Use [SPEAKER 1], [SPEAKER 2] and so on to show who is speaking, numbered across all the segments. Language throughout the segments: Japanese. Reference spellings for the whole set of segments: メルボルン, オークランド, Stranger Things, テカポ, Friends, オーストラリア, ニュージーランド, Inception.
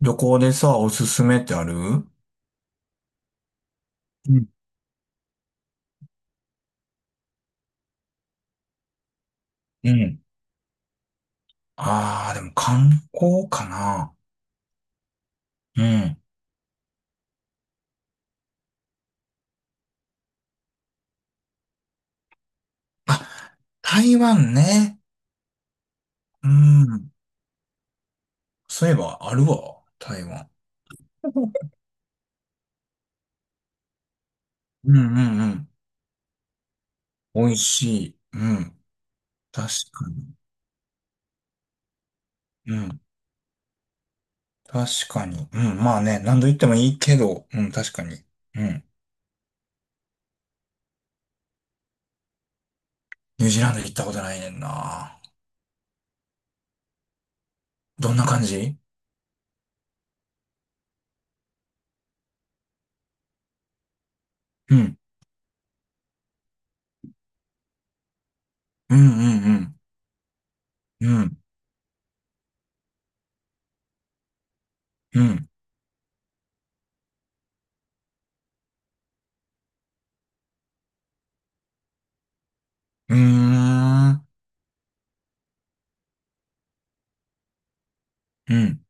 [SPEAKER 1] 旅行でさ、おすすめってある？うん。うん。ああ、でも観光かな。うん。あ、台湾ね。うん。そういえばあるわ、台湾。うんうんうん。美味しい。うん。確かに。うん。確かに。うん。まあね、何度行ってもいいけど、うん、確かに。うん。ニュージーランド行ったことないねんな。どんな感じ？うん。うんうんうん。うん。うん。うーん。うん。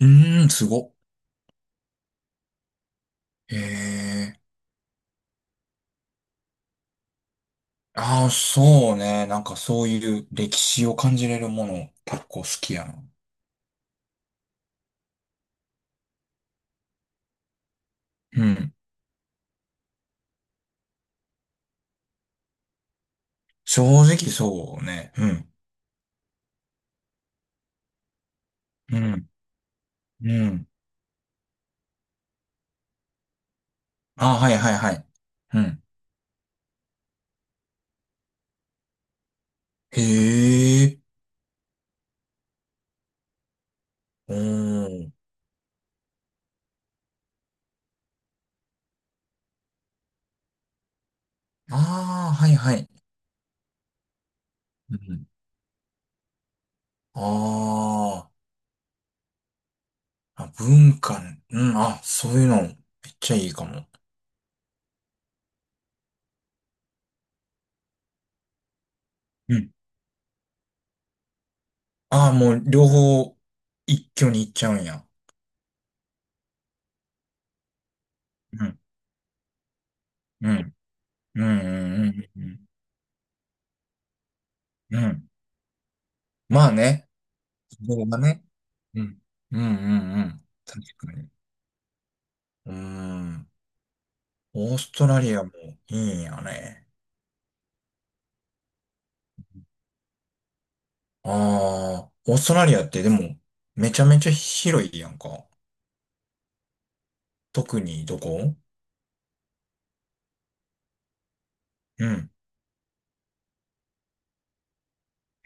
[SPEAKER 1] うーん、すごっ。ええ。ああ、そうね。なんかそういう歴史を感じれるもの、結構好きやな。うん。正直そうね。うん。うん。うん。ああ、はいはいはい。うん。へえ。おー。ああ、はいはい。うん。あー、あ、文化ね、うん。あ、そういうの、めっちゃいいかも。うん。ああ、もう両方、一挙に行っちゃうんや。うん。うん。うん。うん。うん。うん。うん、まあね。動画ね。うん。うんうんうん。確かに。うーん。オーストラリアもいいんやね。ああ、オーストラリアってでも、めちゃめちゃ広いやんか。特にどこ？うん。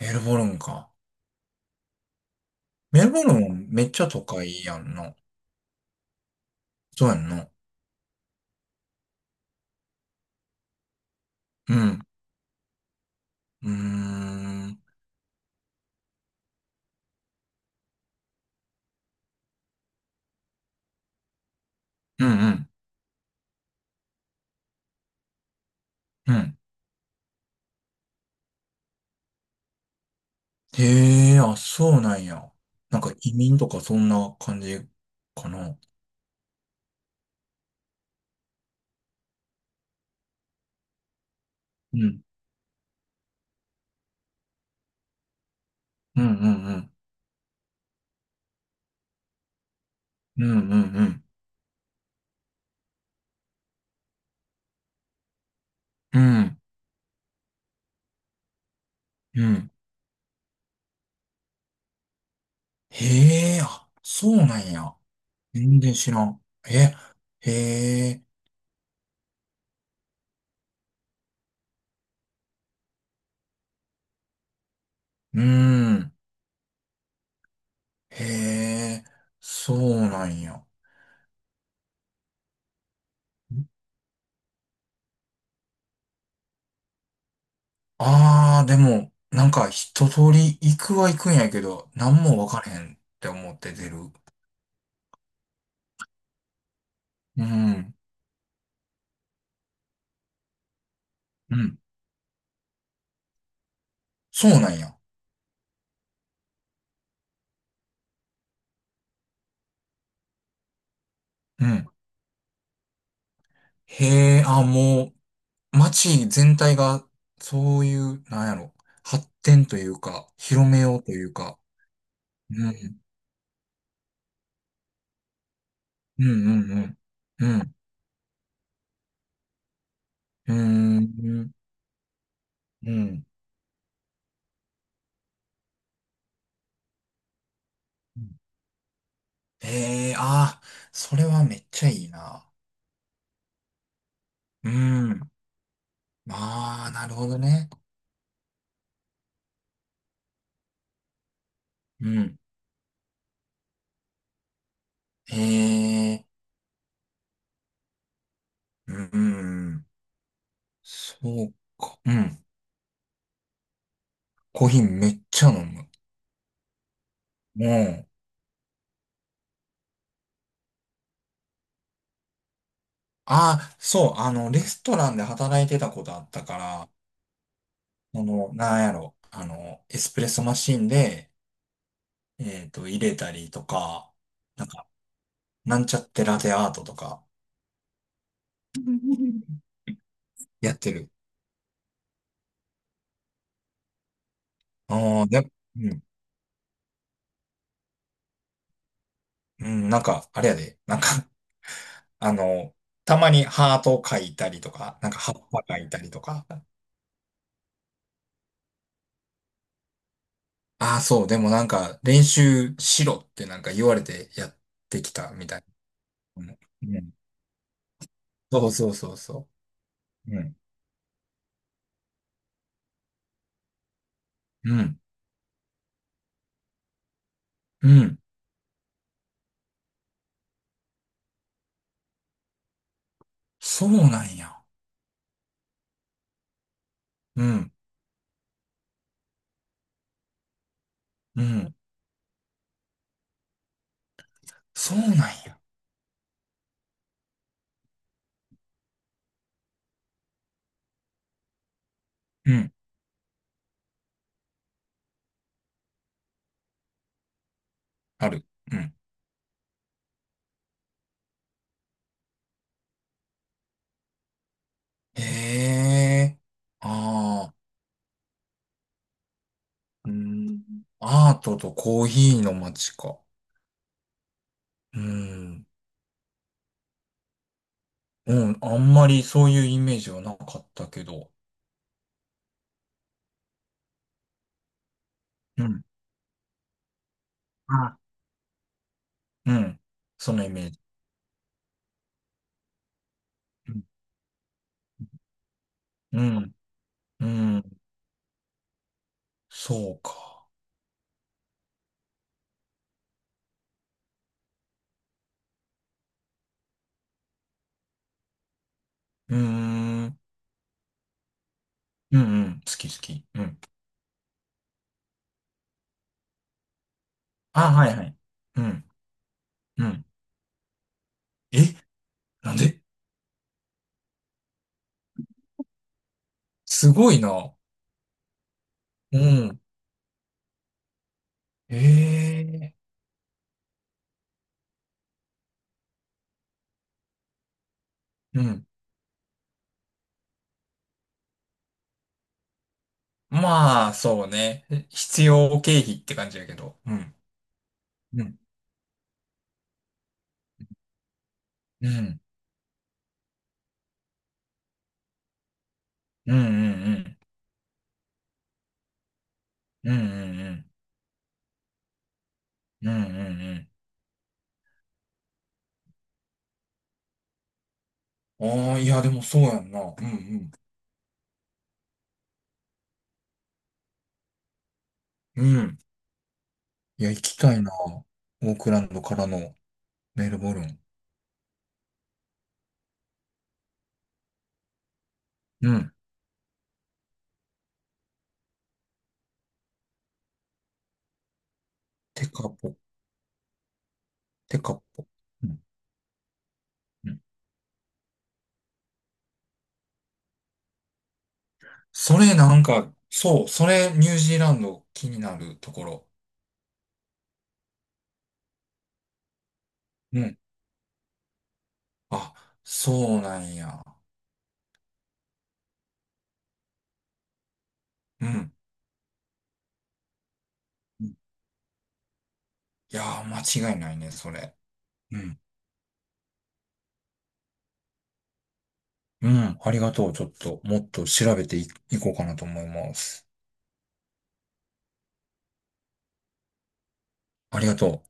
[SPEAKER 1] メルボルンか。メルボルンめっちゃ都会やんな。そうやんな。うん。うーん。うんうん。うん。へえ、あ、そうなんや。なんか移民とかそんな感じかな。うん。うんうんうん。うんうんうん。うん。うん。へえ、あ、そうなんや。全然知らん。え、へえ、うん。へえ、そうなんや。ああ、でも、なんか一通り行くは行くんやけど、なんもわからへんって思って出る。うん。うん。そうなんや。うん。へえ、あ、もう、街全体が、そういう、なんやろ、発展というか、広めようというか。うん。うんうんうん。うん。うーん。うん。ええー、ああ、それはめっちゃいいな。うん。ああ、なるほどね。うん。ええー、うん。そうか。うん。コーヒーめっちゃ飲む。もう、ああ、そう、あの、レストランで働いてたことあったから、その、なんやろ、あの、エスプレッソマシンで、入れたりとか、なんか、なんちゃってラテアートとか、やってる。ああ、で、うん。うん、なんか、あれやで、なんか あの、たまにハート書いたりとか、なんか葉っぱ書いたりとか。ああ、そう、でもなんか、練習しろってなんか言われてやってきたみたいな。うん。うん、そうそうそうそう。うん。うん。うん。そうなんや。うん。うん。そうなんや。うん。ある。うん。へえ。ああ。うん。アートとコーヒーの街か。うん。うん、あんまりそういうイメージはなかったけど。うん。あ、うん。そのイメージ。うん。うん。うん、そうか。うーん。うんうん。好き好き。うん。あ、はいはい。うん。うん。え、なんで？すごいな。うん。ええ。うん。まあ、そうね。必要経費って感じやけど。うん。うん。うん。うんうんうん。うんうんうん。うんうんうん。ああ、いや、でもそうやんな。うんうん。うん。いや、行きたいな。オークランドからのメルボルン。うん。テカポ、テカポ。うん。うん、それなんか、そう、それニュージーランド気になるところ。うん。あ、そうなんや。うん。うん、いやー、間違いないね、それ。うん。うん。ありがとう。ちょっと、もっと調べてい、いこうかなと思います。ありがとう。